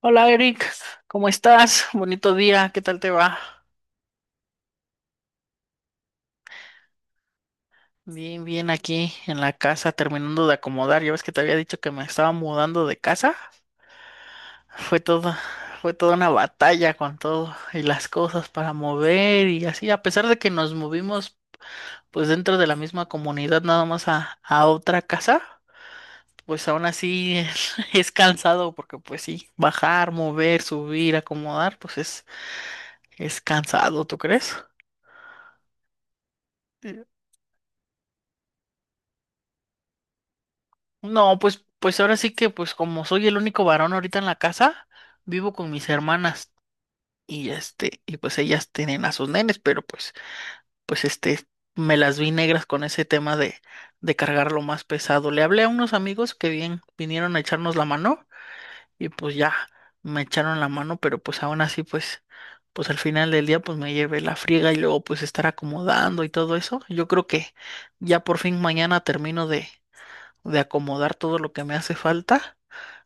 Hola Eric, ¿cómo estás? Bonito día, ¿qué tal te va? Bien, bien aquí en la casa terminando de acomodar. Ya ves que te había dicho que me estaba mudando de casa. Fue todo, fue toda una batalla con todo y las cosas para mover y así. A pesar de que nos movimos pues dentro de la misma comunidad nada más a otra casa, pues aún así es cansado porque pues sí, bajar, mover, subir, acomodar, pues es cansado, ¿tú crees? No, pues ahora sí que, pues como soy el único varón ahorita en la casa, vivo con mis hermanas y este, y pues ellas tienen a sus nenes, pero pues este, me las vi negras con ese tema de cargar lo más pesado. Le hablé a unos amigos que bien vinieron a echarnos la mano y pues ya me echaron la mano, pero pues aún así, pues al final del día, pues me llevé la friega y luego pues estar acomodando y todo eso. Yo creo que ya por fin mañana termino de acomodar todo lo que me hace falta.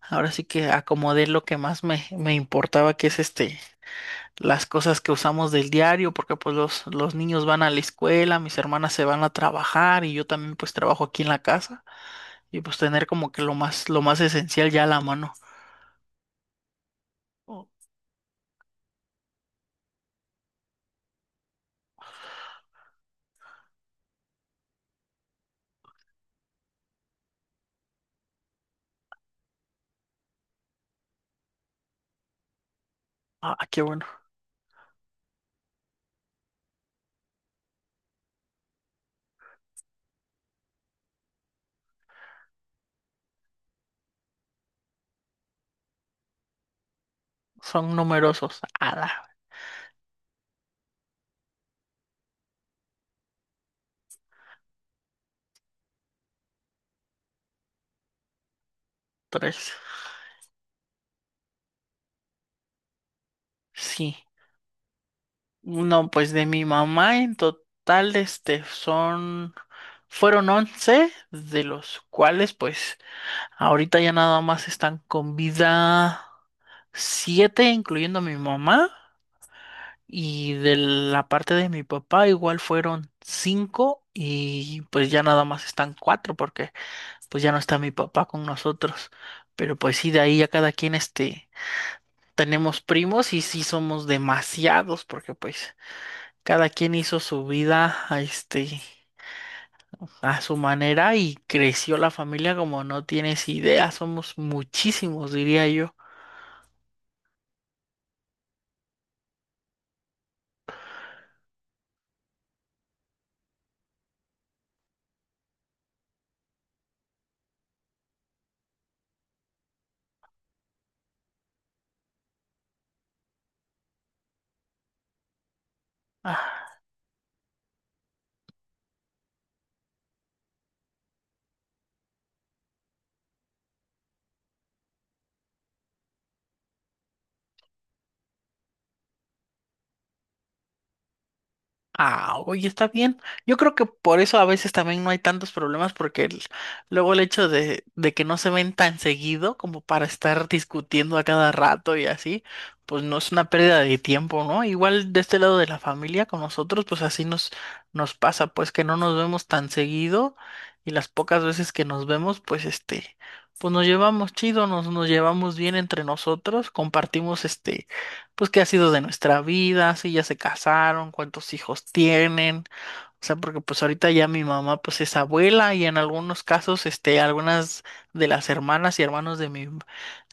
Ahora sí que acomodé lo que más me importaba, que es este, las cosas que usamos del diario, porque pues los niños van a la escuela, mis hermanas se van a trabajar y yo también pues trabajo aquí en la casa y pues tener como que lo más esencial ya a la mano. Oh, ah, qué bueno. Son numerosos. Ala, tres. Sí. No, pues de mi mamá en total, este, son, fueron 11, de los cuales pues ahorita ya nada más están con vida siete, incluyendo a mi mamá. Y de la parte de mi papá igual fueron cinco y pues ya nada más están cuatro porque pues ya no está mi papá con nosotros. Pero pues sí, de ahí ya cada quien este tenemos primos y sí somos demasiados porque pues cada quien hizo su vida a este a su manera y creció la familia como no tienes idea. Somos muchísimos, diría yo. Ah, oye, está bien. Yo creo que por eso a veces también no hay tantos problemas, porque luego el hecho de que no se ven tan seguido como para estar discutiendo a cada rato y así, pues no es una pérdida de tiempo, ¿no? Igual de este lado de la familia con nosotros, pues así nos pasa, pues que no nos vemos tan seguido y las pocas veces que nos vemos, pues este, pues nos llevamos chido, nos llevamos bien entre nosotros, compartimos este pues qué ha sido de nuestra vida, si ya se casaron, cuántos hijos tienen, o sea, porque pues ahorita ya mi mamá pues es abuela y en algunos casos, este, algunas de las hermanas y hermanos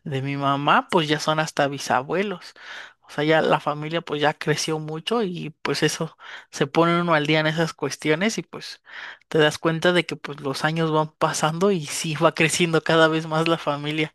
de mi mamá pues ya son hasta bisabuelos. O sea, ya la familia pues ya creció mucho y pues eso, se pone uno al día en esas cuestiones y pues te das cuenta de que pues los años van pasando y sí va creciendo cada vez más la familia.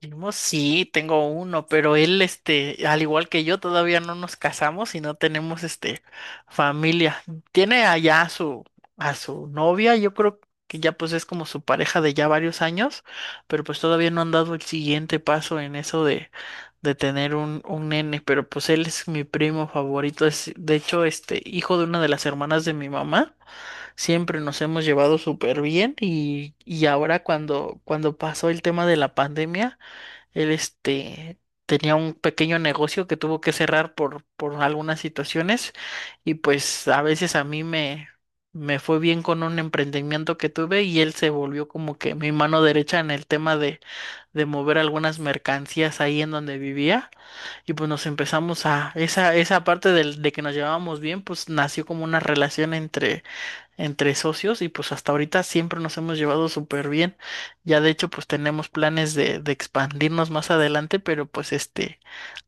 Primo, sí, tengo uno, pero él, este, al igual que yo, todavía no nos casamos y no tenemos, este, familia. Tiene allá a su novia, yo creo que ya pues es como su pareja de ya varios años, pero pues todavía no han dado el siguiente paso en eso de tener un nene, pero pues él es mi primo favorito, es, de hecho, este, hijo de una de las hermanas de mi mamá. Siempre nos hemos llevado súper bien y ahora cuando pasó el tema de la pandemia, él, este, tenía un pequeño negocio que tuvo que cerrar por algunas situaciones y pues a veces a mí me fue bien con un emprendimiento que tuve y él se volvió como que mi mano derecha en el tema de mover algunas mercancías ahí en donde vivía y pues nos empezamos esa parte de que nos llevábamos bien, pues nació como una relación entre entre socios y pues hasta ahorita siempre nos hemos llevado súper bien. Ya de hecho pues tenemos planes de expandirnos más adelante, pero pues este,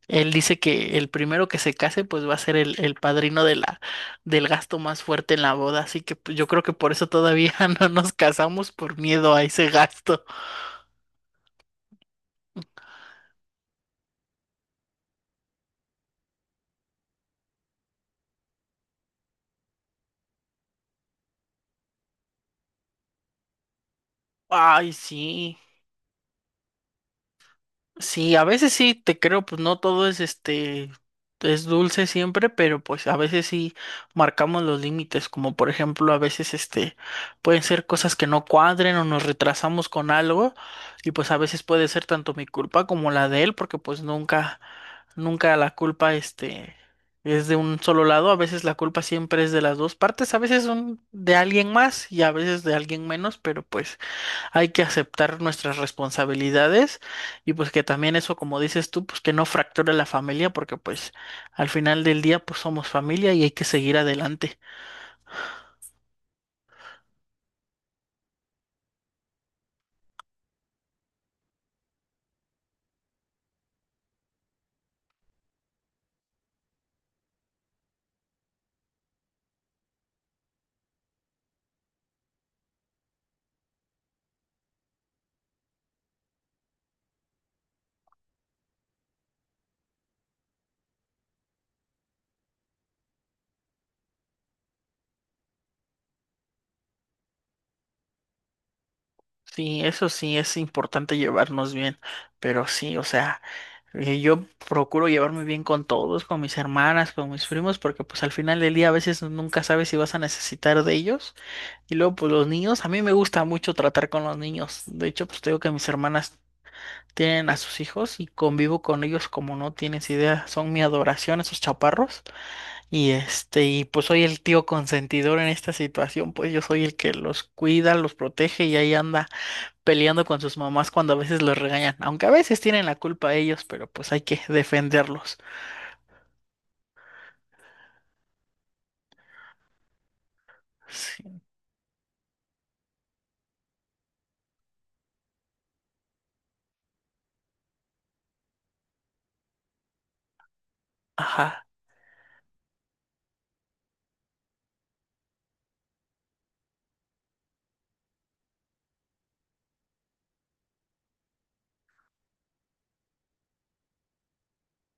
él dice que el primero que se case pues va a ser el padrino del gasto más fuerte en la boda, así que pues, yo creo que por eso todavía no nos casamos por miedo a ese gasto. Ay, sí. Sí, a veces sí, te creo, pues no todo es este, es dulce siempre, pero pues a veces sí marcamos los límites, como por ejemplo a veces este, pueden ser cosas que no cuadren o nos retrasamos con algo y pues a veces puede ser tanto mi culpa como la de él, porque pues nunca, nunca la culpa este es de un solo lado, a veces la culpa siempre es de las dos partes, a veces son de alguien más y a veces de alguien menos, pero pues hay que aceptar nuestras responsabilidades y pues que también eso, como dices tú, pues que no fracture la familia porque pues al final del día pues somos familia y hay que seguir adelante. Sí, eso sí es importante llevarnos bien, pero sí, o sea, yo procuro llevarme bien con todos, con mis hermanas, con mis primos, porque pues al final del día a veces nunca sabes si vas a necesitar de ellos. Y luego pues los niños, a mí me gusta mucho tratar con los niños. De hecho, pues te digo que mis hermanas tienen a sus hijos y convivo con ellos como no tienes idea, son mi adoración esos chaparros y este y pues soy el tío consentidor en esta situación, pues yo soy el que los cuida, los protege y ahí anda peleando con sus mamás cuando a veces los regañan, aunque a veces tienen la culpa ellos, pero pues hay que defenderlos. Sí. Ajá.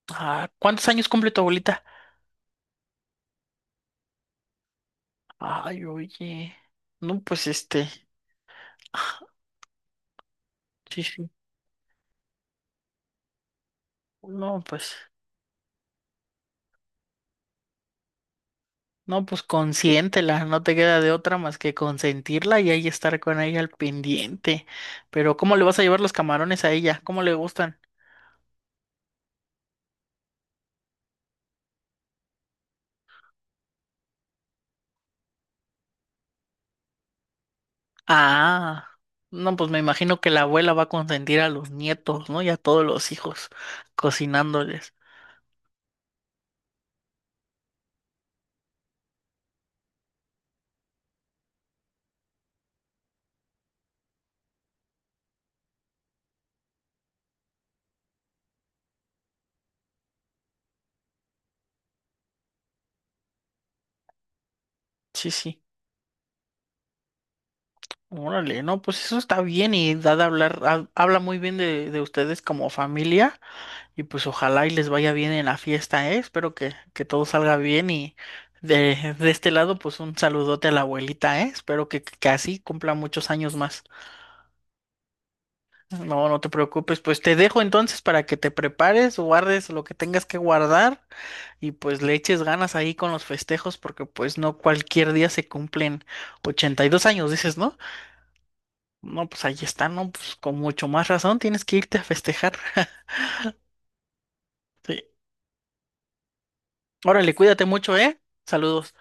Ah, ¿cuántos años cumple tu abuelita? Ay, oye. No, pues este. Ah, sí, sí. No, pues. No, pues consiéntela, no te queda de otra más que consentirla y ahí estar con ella al pendiente. Pero ¿cómo le vas a llevar los camarones a ella? ¿Cómo le gustan? Ah, no, pues me imagino que la abuela va a consentir a los nietos, ¿no? Y a todos los hijos, cocinándoles. Sí, sí. Órale, no, pues eso está bien y da de hablar, habla muy bien de ustedes como familia. Y pues ojalá y les vaya bien en la fiesta, ¿eh? Espero que todo salga bien y de este lado pues un saludote a la abuelita, ¿eh? Espero que así cumpla muchos años más. No, no te preocupes, pues te dejo entonces para que te prepares, guardes lo que tengas que guardar y pues le eches ganas ahí con los festejos porque pues no cualquier día se cumplen 82 años, dices, ¿no? No, pues ahí está, ¿no? Pues con mucho más razón tienes que irte a festejar. Sí. Órale, cuídate mucho, ¿eh? Saludos.